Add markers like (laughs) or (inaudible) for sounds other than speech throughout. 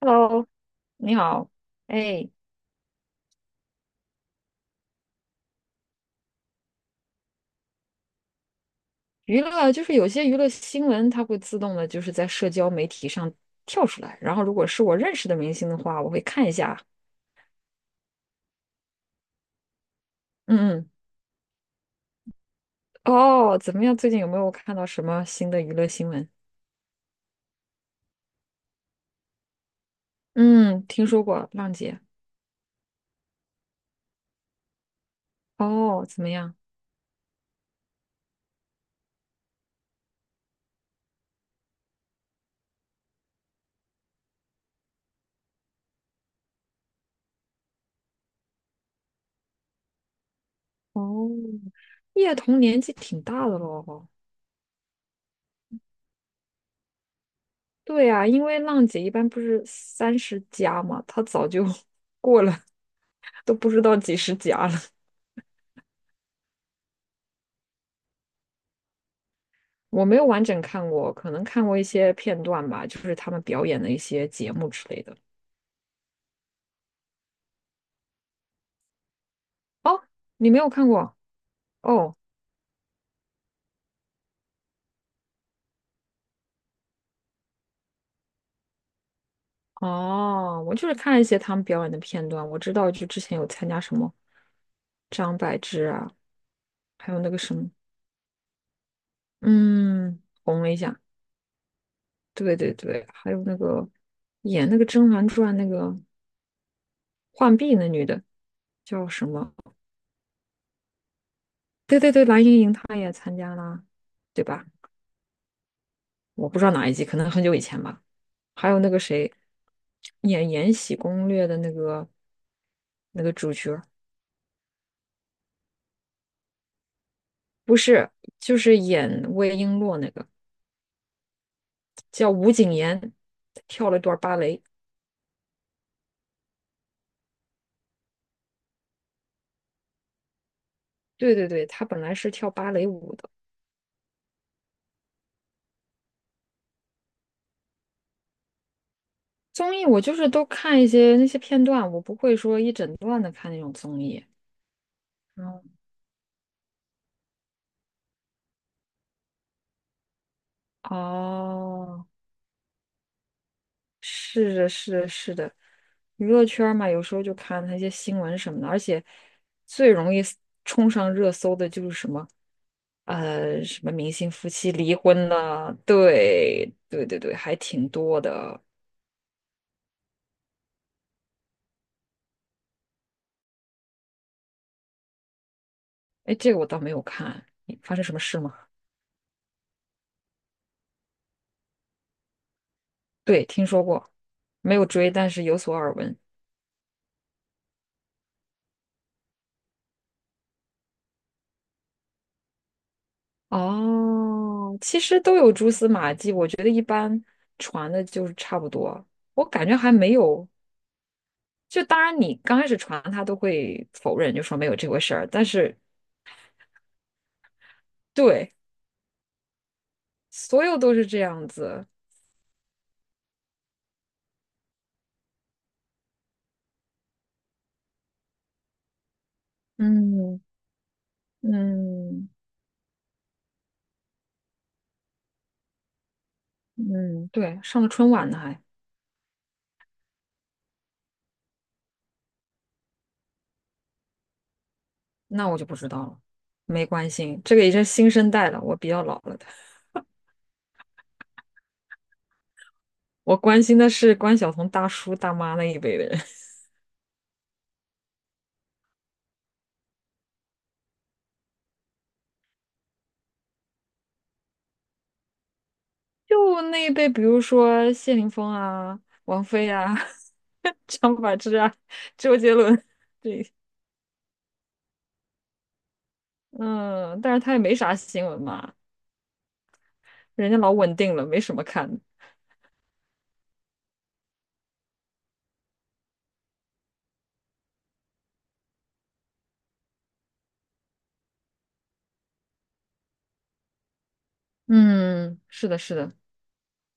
喽，你好，哎，娱乐就是有些娱乐新闻，它会自动的，就是在社交媒体上跳出来。然后，如果是我认识的明星的话，我会看一下。嗯嗯，哦，怎么样？最近有没有看到什么新的娱乐新闻？嗯，听说过浪姐。哦，怎么样？哦，叶童年纪挺大的喽。对呀，因为浪姐一般不是30+嘛，她早就 (laughs) 过了，都不知道几十加了。我没有完整看过，可能看过一些片段吧，就是他们表演的一些节目之类的。哦，你没有看过？哦哦，我就是看了一些他们表演的片段，我知道就之前有参加什么张柏芝啊，还有那个什么，嗯，红了一下，对对对，还有那个演那个《甄嬛传》那个浣碧那女的叫什么？对对对，蓝盈莹她也参加了，对吧？我不知道哪一季，可能很久以前吧。还有那个谁，演《延禧攻略》的那个那个主角儿，不是，就是演魏璎珞那个叫吴谨言，跳了一段芭蕾。对对对，她本来是跳芭蕾舞的。综艺我就是都看一些那些片段，我不会说一整段的看那种综艺。嗯，哦，是的，是的，是的，娱乐圈儿嘛，有时候就看那些新闻什么的，而且最容易 冲上热搜的就是什么什么明星夫妻离婚了，对对对对，还挺多的。哎，这个我倒没有看，发生什么事吗？对，听说过，没有追，但是有所耳闻。哦，其实都有蛛丝马迹，我觉得一般传的就是差不多。我感觉还没有，就当然你刚开始传他都会否认，就说没有这回事儿，但是对，所有都是这样子。嗯嗯嗯，对，上了春晚呢还。那我就不知道了，没关心，这个也是新生代了，我比较老了的。(laughs) 我关心的是关晓彤大叔大妈那一辈的人，(laughs) 就那一辈，比如说谢霆锋啊、王菲啊、(laughs) 张柏芝啊、周杰伦，对，嗯，但是他也没啥新闻嘛，人家老稳定了，没什么看的。嗯，是的，是的，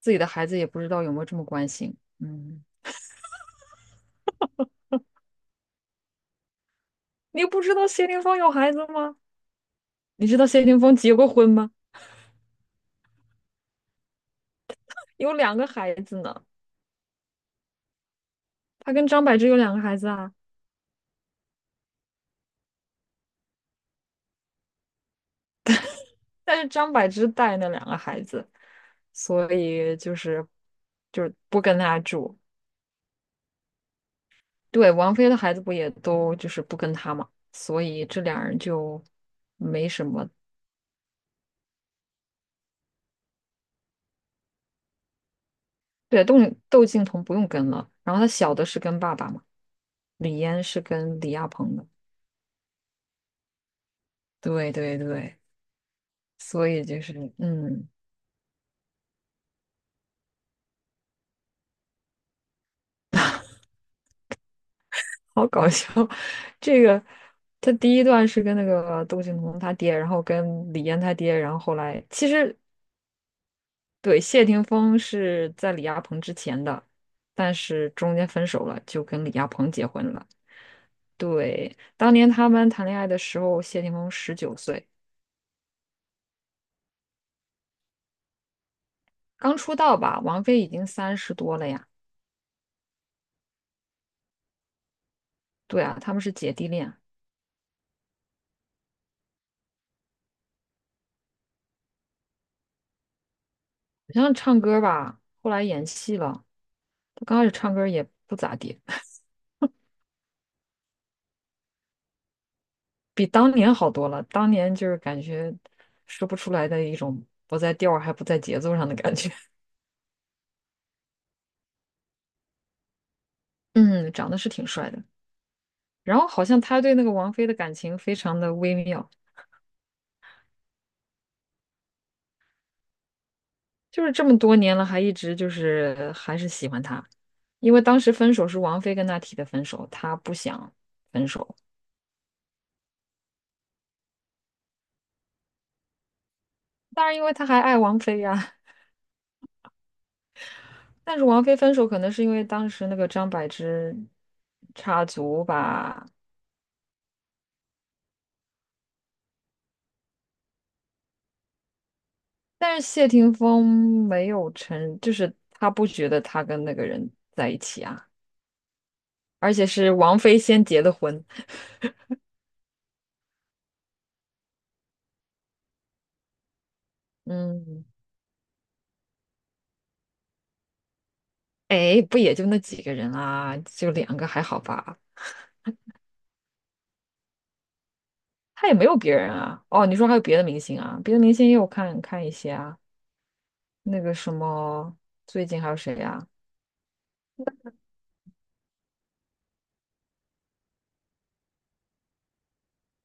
自己的孩子也不知道有没有这么关心。嗯，你不知道谢霆锋有孩子吗？你知道谢霆锋结过婚吗？有两个孩子呢。他跟张柏芝有两个孩子啊，但是张柏芝带那两个孩子，所以就是不跟他住。对，王菲的孩子不也都就是不跟他嘛，所以这俩人就没什么。对，窦靖童不用跟了，然后他小的是跟爸爸嘛，李嫣是跟李亚鹏的。对对对，所以就是嗯，好搞笑。(laughs) 这个他第一段是跟那个窦靖童他爹，然后跟李嫣他爹，然后后来其实对，谢霆锋是在李亚鹏之前的，但是中间分手了，就跟李亚鹏结婚了。对，当年他们谈恋爱的时候，谢霆锋19岁，刚出道吧，王菲已经30多了呀。对啊，他们是姐弟恋，好像唱歌吧，后来演戏了。他刚开始唱歌也不咋地，(laughs) 比当年好多了。当年就是感觉说不出来的一种不在调儿还不在节奏上的感觉。(laughs) 嗯，长得是挺帅的。然后好像他对那个王菲的感情非常的微妙，就是这么多年了，还一直就是还是喜欢她，因为当时分手是王菲跟他提的分手，他不想分手，当然因为他还爱王菲呀。但是王菲分手可能是因为当时那个张柏芝插足吧，但是谢霆锋没有承，就是他不觉得他跟那个人在一起啊，而且是王菲先结的婚，(laughs) 嗯。哎，不也就那几个人啊，就两个还好吧？他也没有别人啊。哦，你说还有别的明星啊？别的明星也有看看一些啊。那个什么，最近还有谁啊？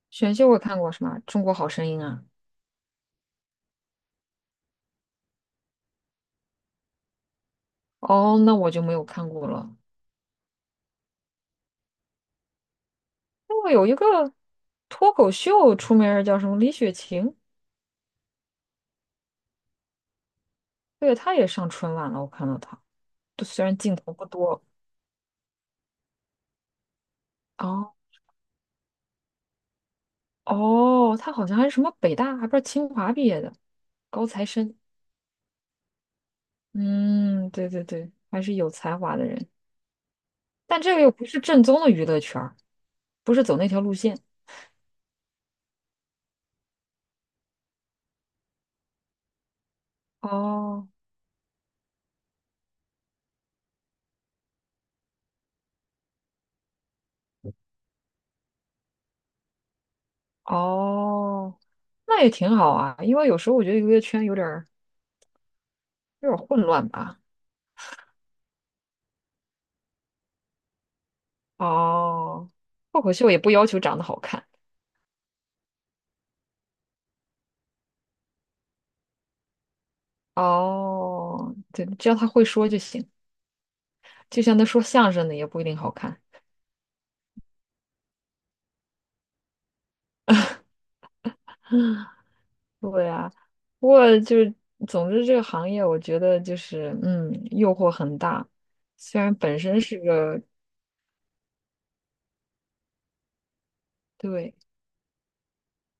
选秀我看过什么《中国好声音》啊？哦，那我就没有看过了。那个有一个脱口秀出名儿叫什么李雪琴，对，她也上春晚了，我看到她，对虽然镜头不多。哦哦，她好像还是什么北大，还不是清华毕业的高材生。嗯，对对对，还是有才华的人，但这个又不是正宗的娱乐圈儿，不是走那条路线。哦哦，那也挺好啊，因为有时候我觉得娱乐圈有点儿有点儿混乱吧。哦，脱口秀也不要求长得好看。哦，对，只要他会说就行，就像他说相声的也不一定好看。对啊，不过就是总之这个行业，我觉得就是嗯，诱惑很大，虽然本身是个对。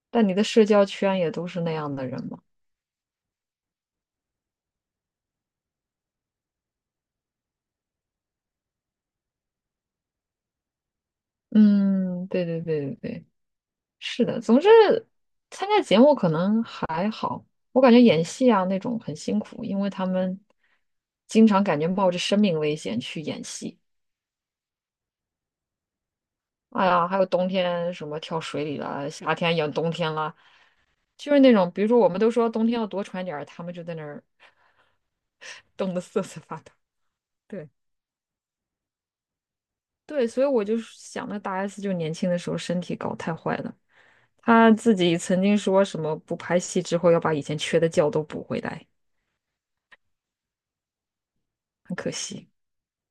但你的社交圈也都是那样的人嘛。嗯，对对对对对，是的。总之，参加节目可能还好，我感觉演戏啊那种很辛苦，因为他们经常感觉冒着生命危险去演戏。哎呀，还有冬天什么跳水里了，夏天演冬天了，就是那种，比如说我们都说冬天要多穿点儿，他们就在那儿 (laughs) 冻得瑟瑟发抖。对对，所以我就想，那大 S 就年轻的时候身体搞太坏了。他自己曾经说什么不拍戏之后要把以前缺的觉都补回来，很可惜。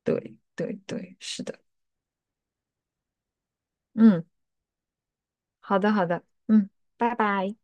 对对对，是的，嗯，好的好的，嗯，拜拜。